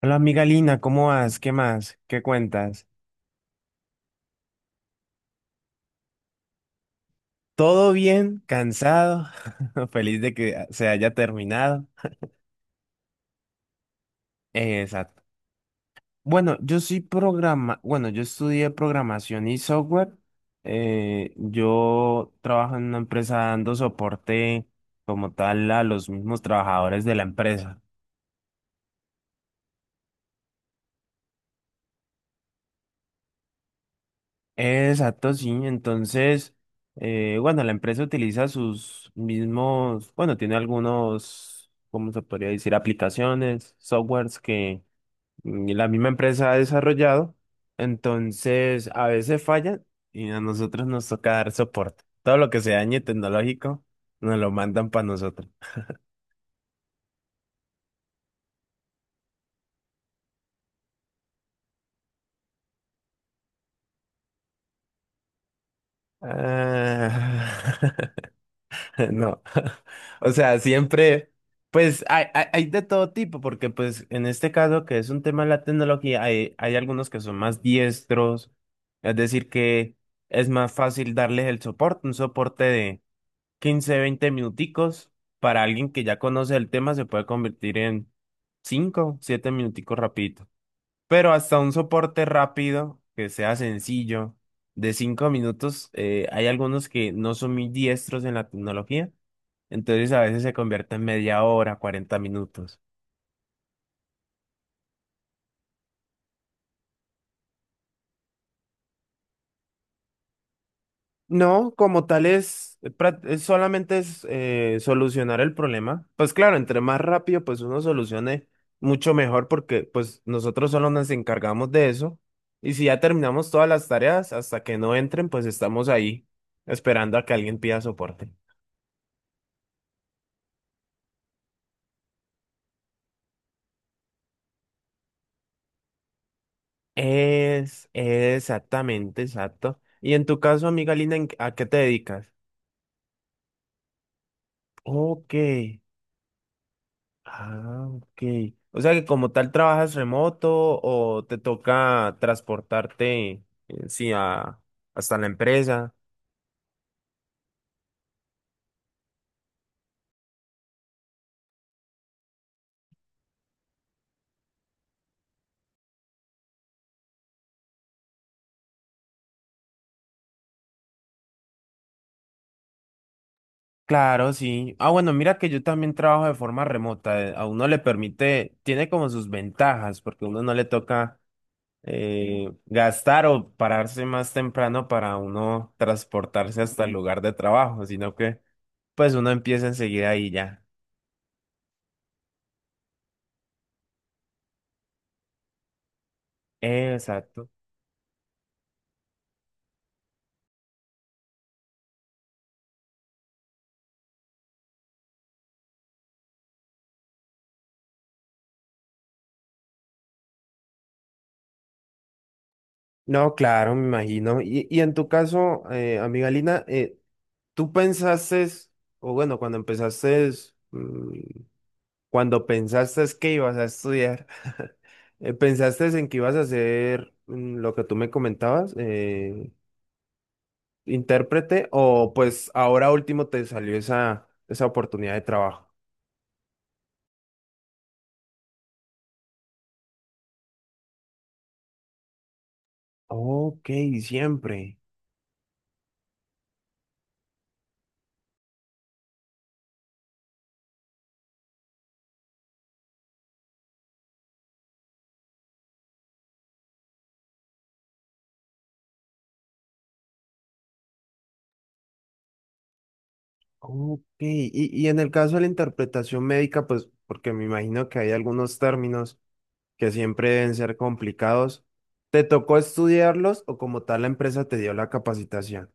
Hola amiga Lina, ¿cómo vas? ¿Qué más? ¿Qué cuentas? ¿Todo bien? ¿Cansado? Feliz de que se haya terminado. Exacto. Bueno, yo estudié programación y software. Yo trabajo en una empresa dando soporte como tal a los mismos trabajadores de la empresa. Exacto, sí. Entonces, bueno, la empresa utiliza sus mismos, bueno, tiene algunos, ¿cómo se podría decir? Aplicaciones, softwares que la misma empresa ha desarrollado. Entonces, a veces fallan y a nosotros nos toca dar soporte. Todo lo que se dañe tecnológico nos lo mandan para nosotros. Ah, No, o sea, siempre, pues hay de todo tipo, porque pues en este caso que es un tema de la tecnología, hay algunos que son más diestros, es decir, que es más fácil darles el soporte, un soporte de 15 20 minuticos, para alguien que ya conoce el tema se puede convertir en 5 7 minuticos rapidito. Pero hasta un soporte rápido, que sea sencillo, de 5 minutos, hay algunos que no son muy diestros en la tecnología, entonces a veces se convierte en media hora, 40 minutos. No, como tal es, prá- es solamente es solucionar el problema. Pues claro, entre más rápido pues uno solucione, mucho mejor porque pues nosotros solo nos encargamos de eso. Y si ya terminamos todas las tareas, hasta que no entren, pues estamos ahí esperando a que alguien pida soporte. Exactamente, exacto. Y en tu caso, amiga Lina, ¿a qué te dedicas? Ok. Ah, ok. O sea que como tal trabajas remoto o te toca transportarte, eh, sí, a, hasta la empresa. Claro, sí. Ah, bueno, mira que yo también trabajo de forma remota. A uno le permite, tiene como sus ventajas, porque a uno no le toca gastar o pararse más temprano para uno transportarse hasta el lugar de trabajo, sino que pues uno empieza enseguida y ya. Exacto. No, claro, me imagino. Y en tu caso, amiga Lina, ¿tú pensaste, o bueno, cuando empezaste mm, Cuando pensaste que ibas a estudiar, ¿pensaste en que ibas a hacer lo que tú me comentabas, intérprete, o pues ahora último te salió esa oportunidad de trabajo? Ok, siempre. Ok, y en el caso de la interpretación médica, pues porque me imagino que hay algunos términos que siempre deben ser complicados, ¿te tocó estudiarlos o como tal la empresa te dio la capacitación?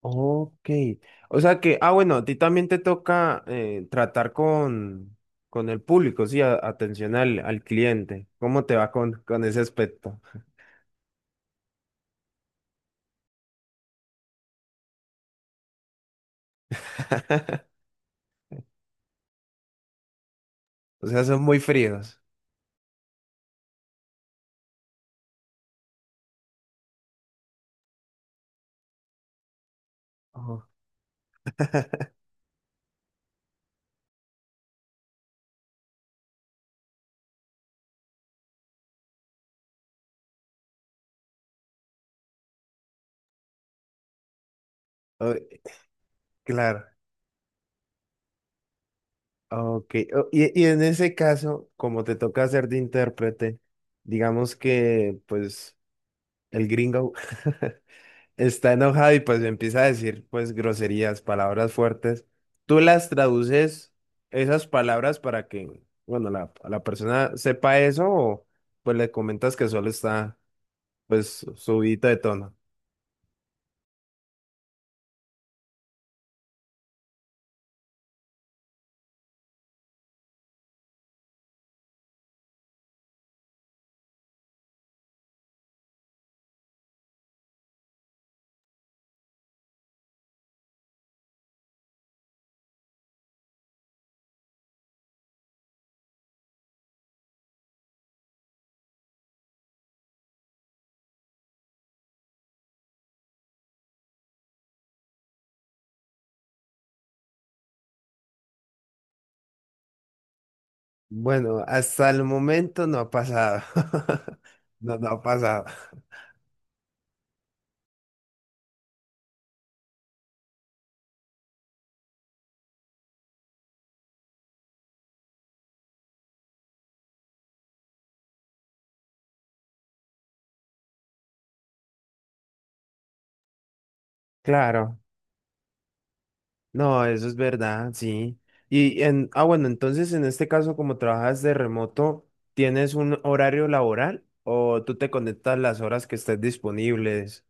Ok. O sea que, ah, bueno, a ti también te toca tratar con el público, sí, atención al cliente. ¿Cómo te va con ese aspecto? O sea, son muy fríos. Ojo. Oh, claro, ok. Oh, y en ese caso, como te toca hacer de intérprete, digamos que, pues, el gringo está enojado y pues empieza a decir pues groserías, palabras fuertes. Tú las traduces esas palabras para que, bueno, la persona sepa eso o pues le comentas que solo está pues subidito de tono. Bueno, hasta el momento no ha pasado. No, no ha pasado. Claro. No, eso es verdad, sí. Ah, bueno, entonces en este caso, como trabajas de remoto, ¿tienes un horario laboral o tú te conectas las horas que estés disponibles?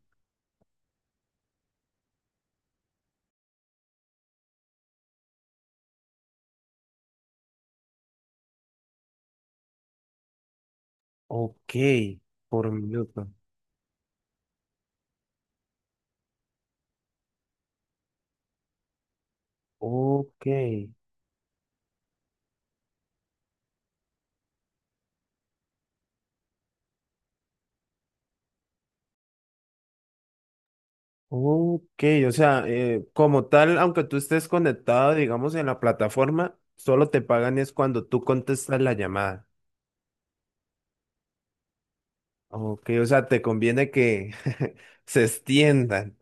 Ok, por minuto. Ok, ok. O sea, como tal, aunque tú estés conectado, digamos, en la plataforma, solo te pagan es cuando tú contestas la llamada. Ok, o sea, te conviene que se extiendan.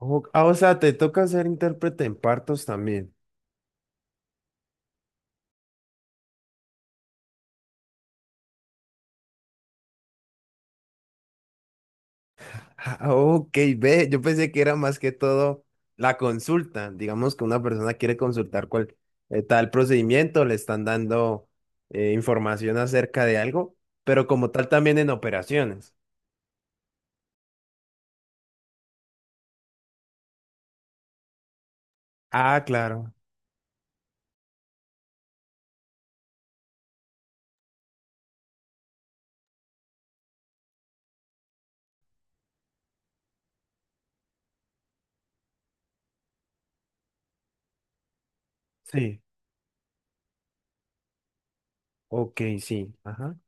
Oh, ah, o sea, te toca ser intérprete en partos también. Ah, ok, ve, yo pensé que era más que todo la consulta. Digamos que una persona quiere consultar cuál tal procedimiento, le están dando información acerca de algo, pero como tal también en operaciones. Ah, claro, sí, ok, sí, ajá.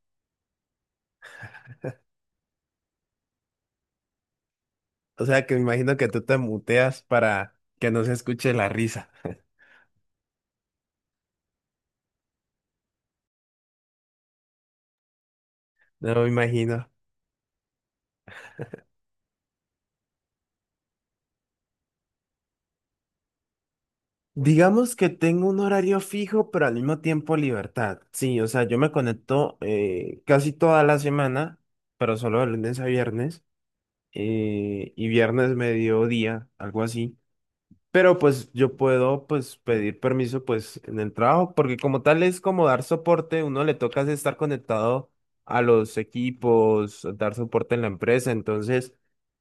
O sea, que me imagino que tú te muteas para que no se escuche la risa. No me imagino. Digamos que tengo un horario fijo, pero al mismo tiempo libertad. Sí, o sea, yo me conecto casi toda la semana, pero solo de lunes a viernes y viernes mediodía, algo así. Pero pues yo puedo pues pedir permiso pues en el trabajo, porque como tal es como dar soporte, uno le toca es estar conectado a los equipos, dar soporte en la empresa, entonces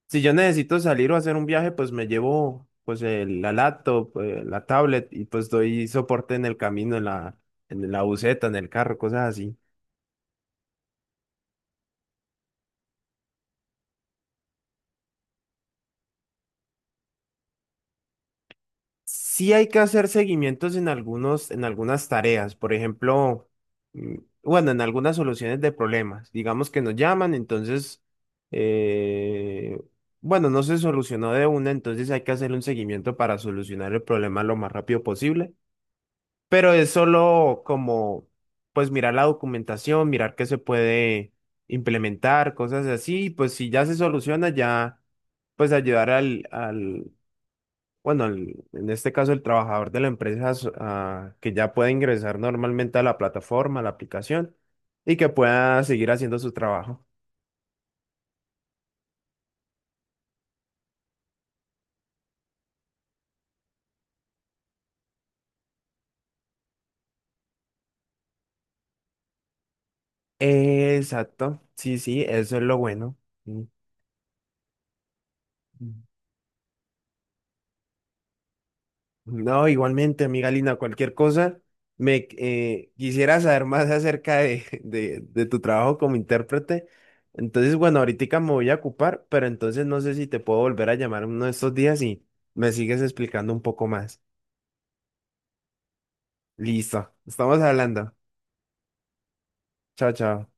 si yo necesito salir o hacer un viaje, pues me llevo pues la laptop, la tablet y pues doy soporte en el camino, en la buseta, en el carro, cosas así. Sí hay que hacer seguimientos en algunos, en algunas tareas, por ejemplo, mm, bueno, en algunas soluciones de problemas. Digamos que nos llaman, entonces, eh, bueno, no se solucionó de una, entonces hay que hacer un seguimiento para solucionar el problema lo más rápido posible. Pero es solo como, pues, mirar la documentación, mirar qué se puede implementar, cosas así, y pues si ya se soluciona, ya, pues ayudar al bueno, en este caso el trabajador de la empresa ah, que ya puede ingresar normalmente a la plataforma, a la aplicación y que pueda seguir haciendo su trabajo. Exacto, sí, sí, eso es lo bueno. Mm. No, igualmente, amiga Lina, cualquier cosa, me quisiera saber más acerca de, de tu trabajo como intérprete. Entonces, bueno, ahorita me voy a ocupar, pero entonces no sé si te puedo volver a llamar uno de estos días y me sigues explicando un poco más. Listo, estamos hablando. Chao, chao.